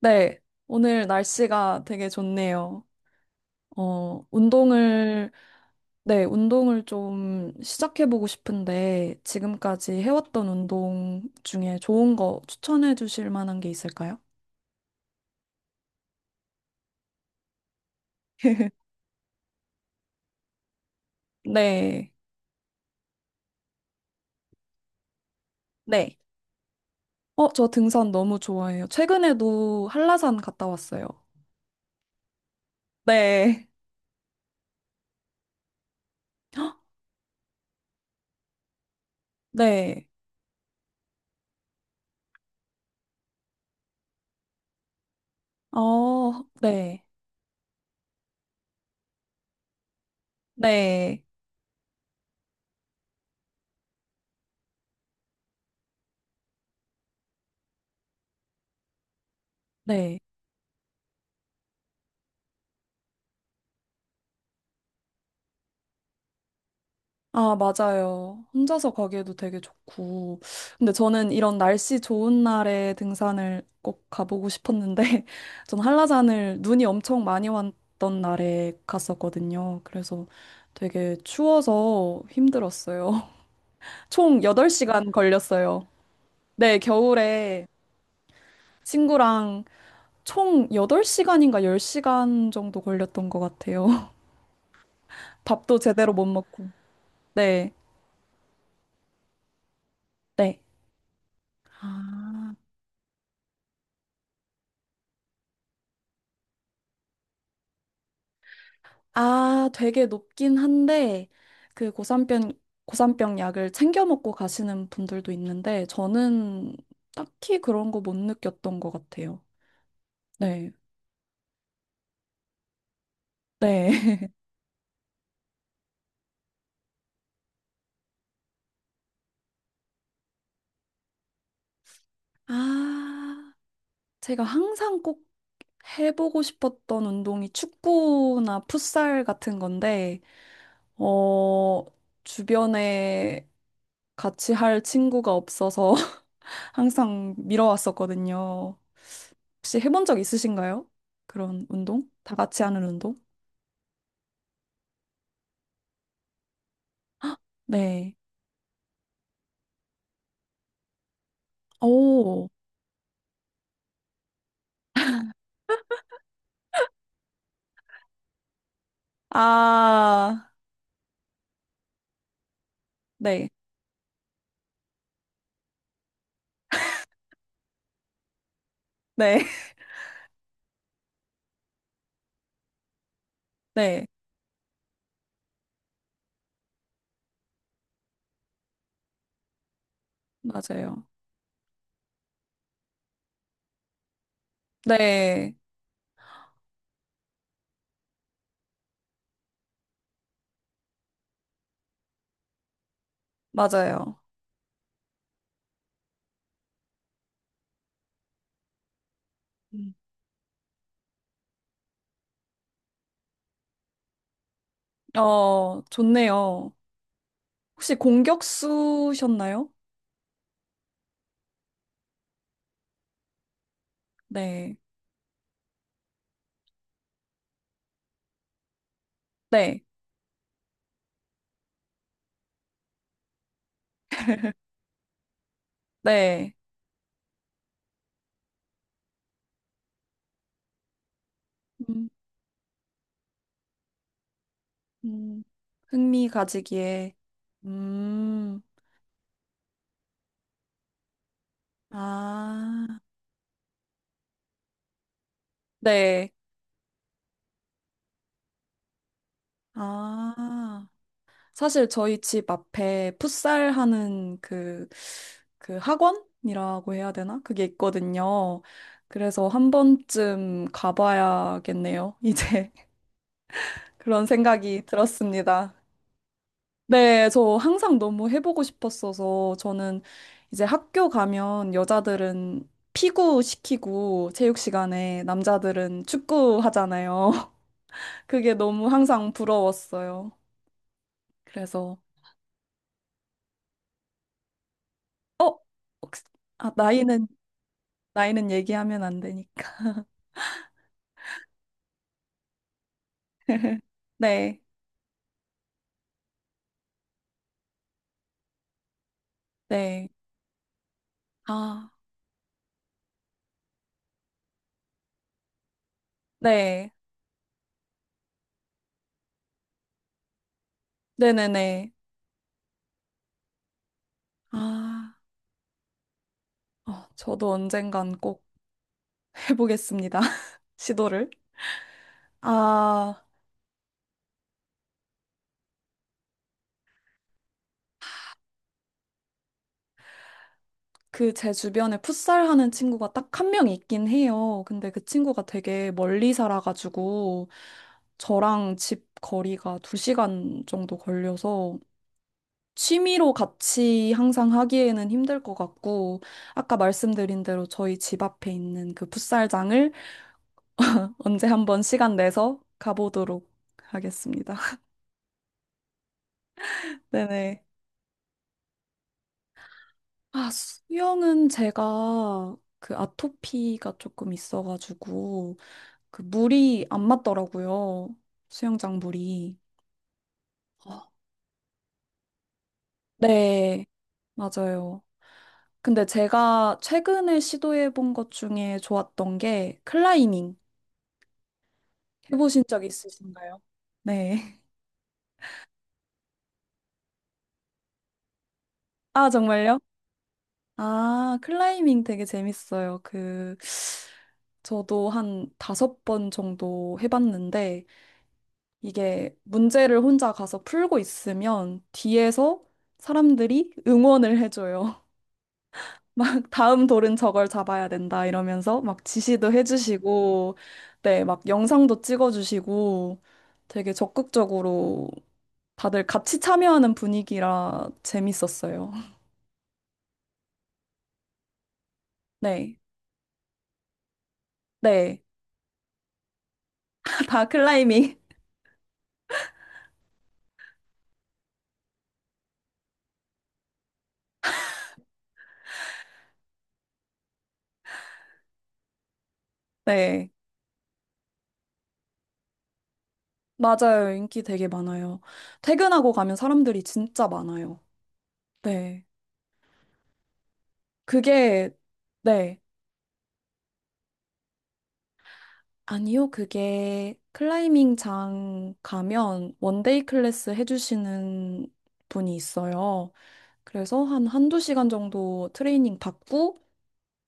네, 오늘 날씨가 되게 좋네요. 운동을, 네, 운동을 좀 시작해보고 싶은데, 지금까지 해왔던 운동 중에 좋은 거 추천해 주실 만한 게 있을까요? 네, 네. 저 등산 너무 좋아해요. 최근에도 한라산 갔다 왔어요. 네, 네, 어, 네, 네, 네. 아, 맞아요. 혼자서 가기에도 되게 좋고. 근데 저는 이런 날씨 좋은 날에 등산을 꼭 가보고 싶었는데, 전 한라산을 눈이 엄청 많이 왔던 날에 갔었거든요. 그래서 되게 추워서 힘들었어요. 총 8시간 걸렸어요. 네, 겨울에 친구랑 총 8시간인가 10시간 정도 걸렸던 것 같아요. 밥도 제대로 못 먹고. 네, 네. 아. 아, 되게 높긴 한데, 그 고산병, 고산병 약을 챙겨 먹고 가시는 분들도 있는데, 저는 딱히 그런 거 못 느꼈던 것 같아요. 네. 네. 아, 제가 항상 꼭 해보고 싶었던 운동이 축구나 풋살 같은 건데, 어, 주변에 같이 할 친구가 없어서 항상 미뤄왔었거든요. 혹시 해본 적 있으신가요? 그런 운동? 다 같이 하는 운동? 네. 오, 아, 네, 네, 네, 맞아요. 네, 맞아요. 음. 어, 좋네요. 혹시 공격수셨나요? 네, 네, 네. 음, 음, 흥미 가지기에. 음, 아, 네, 아. 사실 저희 집 앞에 풋살 하는 그, 그 학원이라고 해야 되나? 그게 있거든요. 그래서 한 번쯤 가봐야겠네요. 이제 그런 생각이 들었습니다. 네, 저 항상 너무 해보고 싶었어서 저는 이제 학교 가면 여자들은 피구 시키고 체육 시간에 남자들은 축구 하잖아요. 그게 너무 항상 부러웠어요. 그래서, 어? 혹시- 아, 나이는 얘기하면 안 되니까. 네, 네. 아, 네. 네네네. 아, 어, 저도 언젠간 꼭 해보겠습니다. 시도를. 아, 그 제 주변에 풋살 하는 친구가 딱 한 명 있긴 해요. 근데 그 친구가 되게 멀리 살아가지고 저랑 집 거리가 두시간 정도 걸려서 취미로 같이 항상 하기에는 힘들 것 같고 아까 말씀드린 대로 저희 집 앞에 있는 그 풋살장을 언제 한번 시간 내서 가보도록 하겠습니다. 네네. 아, 수영은 제가 그 아토피가 조금 있어가지고 그 물이 안 맞더라고요. 수영장 물이. 어, 네, 맞아요. 근데 제가 최근에 시도해본 것 중에 좋았던 게 클라이밍. 해보신 적 있으신가요? 네. 아, 정말요? 아, 클라이밍 되게 재밌어요. 그, 저도 한 다섯 번 정도 해봤는데, 이게 문제를 혼자 가서 풀고 있으면 뒤에서 사람들이 응원을 해줘요. 막 다음 돌은 저걸 잡아야 된다 이러면서 막 지시도 해주시고, 네, 막 영상도 찍어주시고, 되게 적극적으로 다들 같이 참여하는 분위기라 재밌었어요. 네, 네, 다 클라이밍. 네. 맞아요. 인기 되게 많아요. 퇴근하고 가면 사람들이 진짜 많아요. 네. 그게, 네. 아니요. 그게 클라이밍 장 가면 원데이 클래스 해주시는 분이 있어요. 그래서 한 한두 시간 정도 트레이닝 받고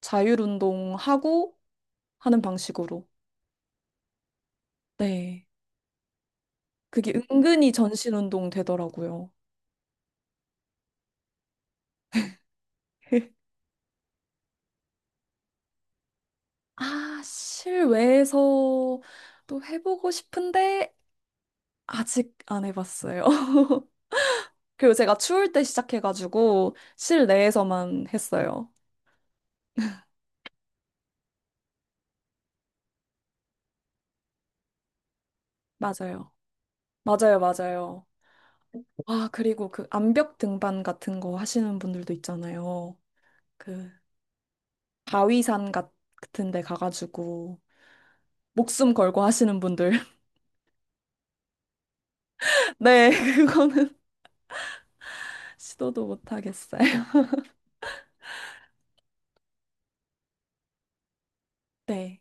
자율 운동하고 하는 방식으로. 네. 그게 은근히 전신 운동 되더라고요. 아, 실외에서 또 해보고 싶은데 아직 안 해봤어요. 그리고 제가 추울 때 시작해가지고 실내에서만 했어요. 맞아요. 맞아요, 맞아요. 아, 그리고 그 암벽 등반 같은 거 하시는 분들도 있잖아요. 그 바위산 같- 같은 데 가가지고 목숨 걸고 하시는 분들. 네, 그거는 시도도 못 하겠어요. 네.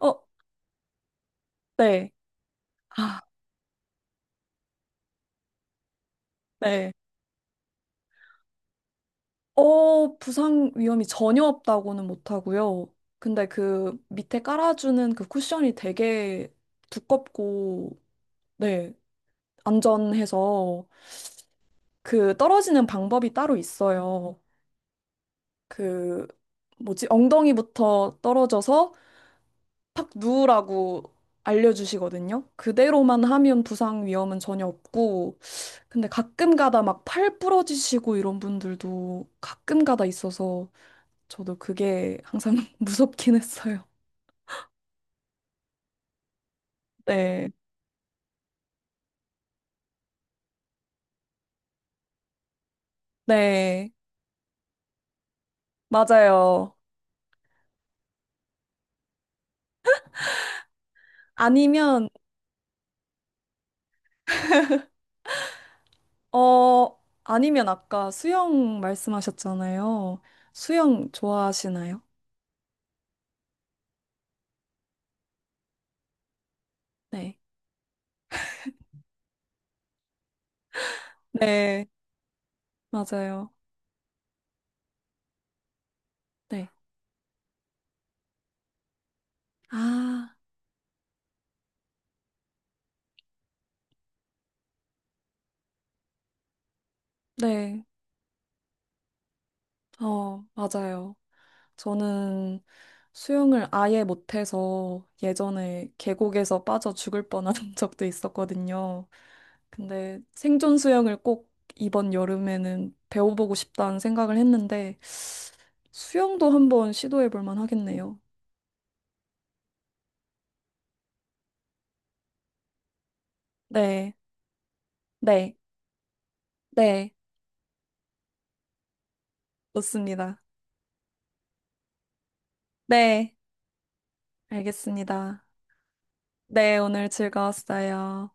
어, 네. 아, 네. 어, 부상 위험이 전혀 없다고는 못하고요. 근데 그 밑에 깔아주는 그 쿠션이 되게 두껍고, 네, 안전해서 그 떨어지는 방법이 따로 있어요. 그, 뭐지, 엉덩이부터 떨어져서 탁 누우라고 알려주시거든요. 그대로만 하면 부상 위험은 전혀 없고, 근데 가끔 가다 막 팔 부러지시고 이런 분들도 가끔 가다 있어서 저도 그게 항상 무섭긴 했어요. 네. 네. 맞아요. 아니면, 아니면 아까 수영 말씀하셨잖아요. 수영 좋아하시나요? 네. 네. 맞아요. 네. 아, 네. 어, 맞아요. 저는 수영을 아예 못해서 예전에 계곡에서 빠져 죽을 뻔한 적도 있었거든요. 근데 생존 수영을 꼭 이번 여름에는 배워보고 싶다는 생각을 했는데 수영도 한번 시도해 볼 만하겠네요. 네, 네, 네, 좋습니다. 네, 알겠습니다. 네, 오늘 즐거웠어요.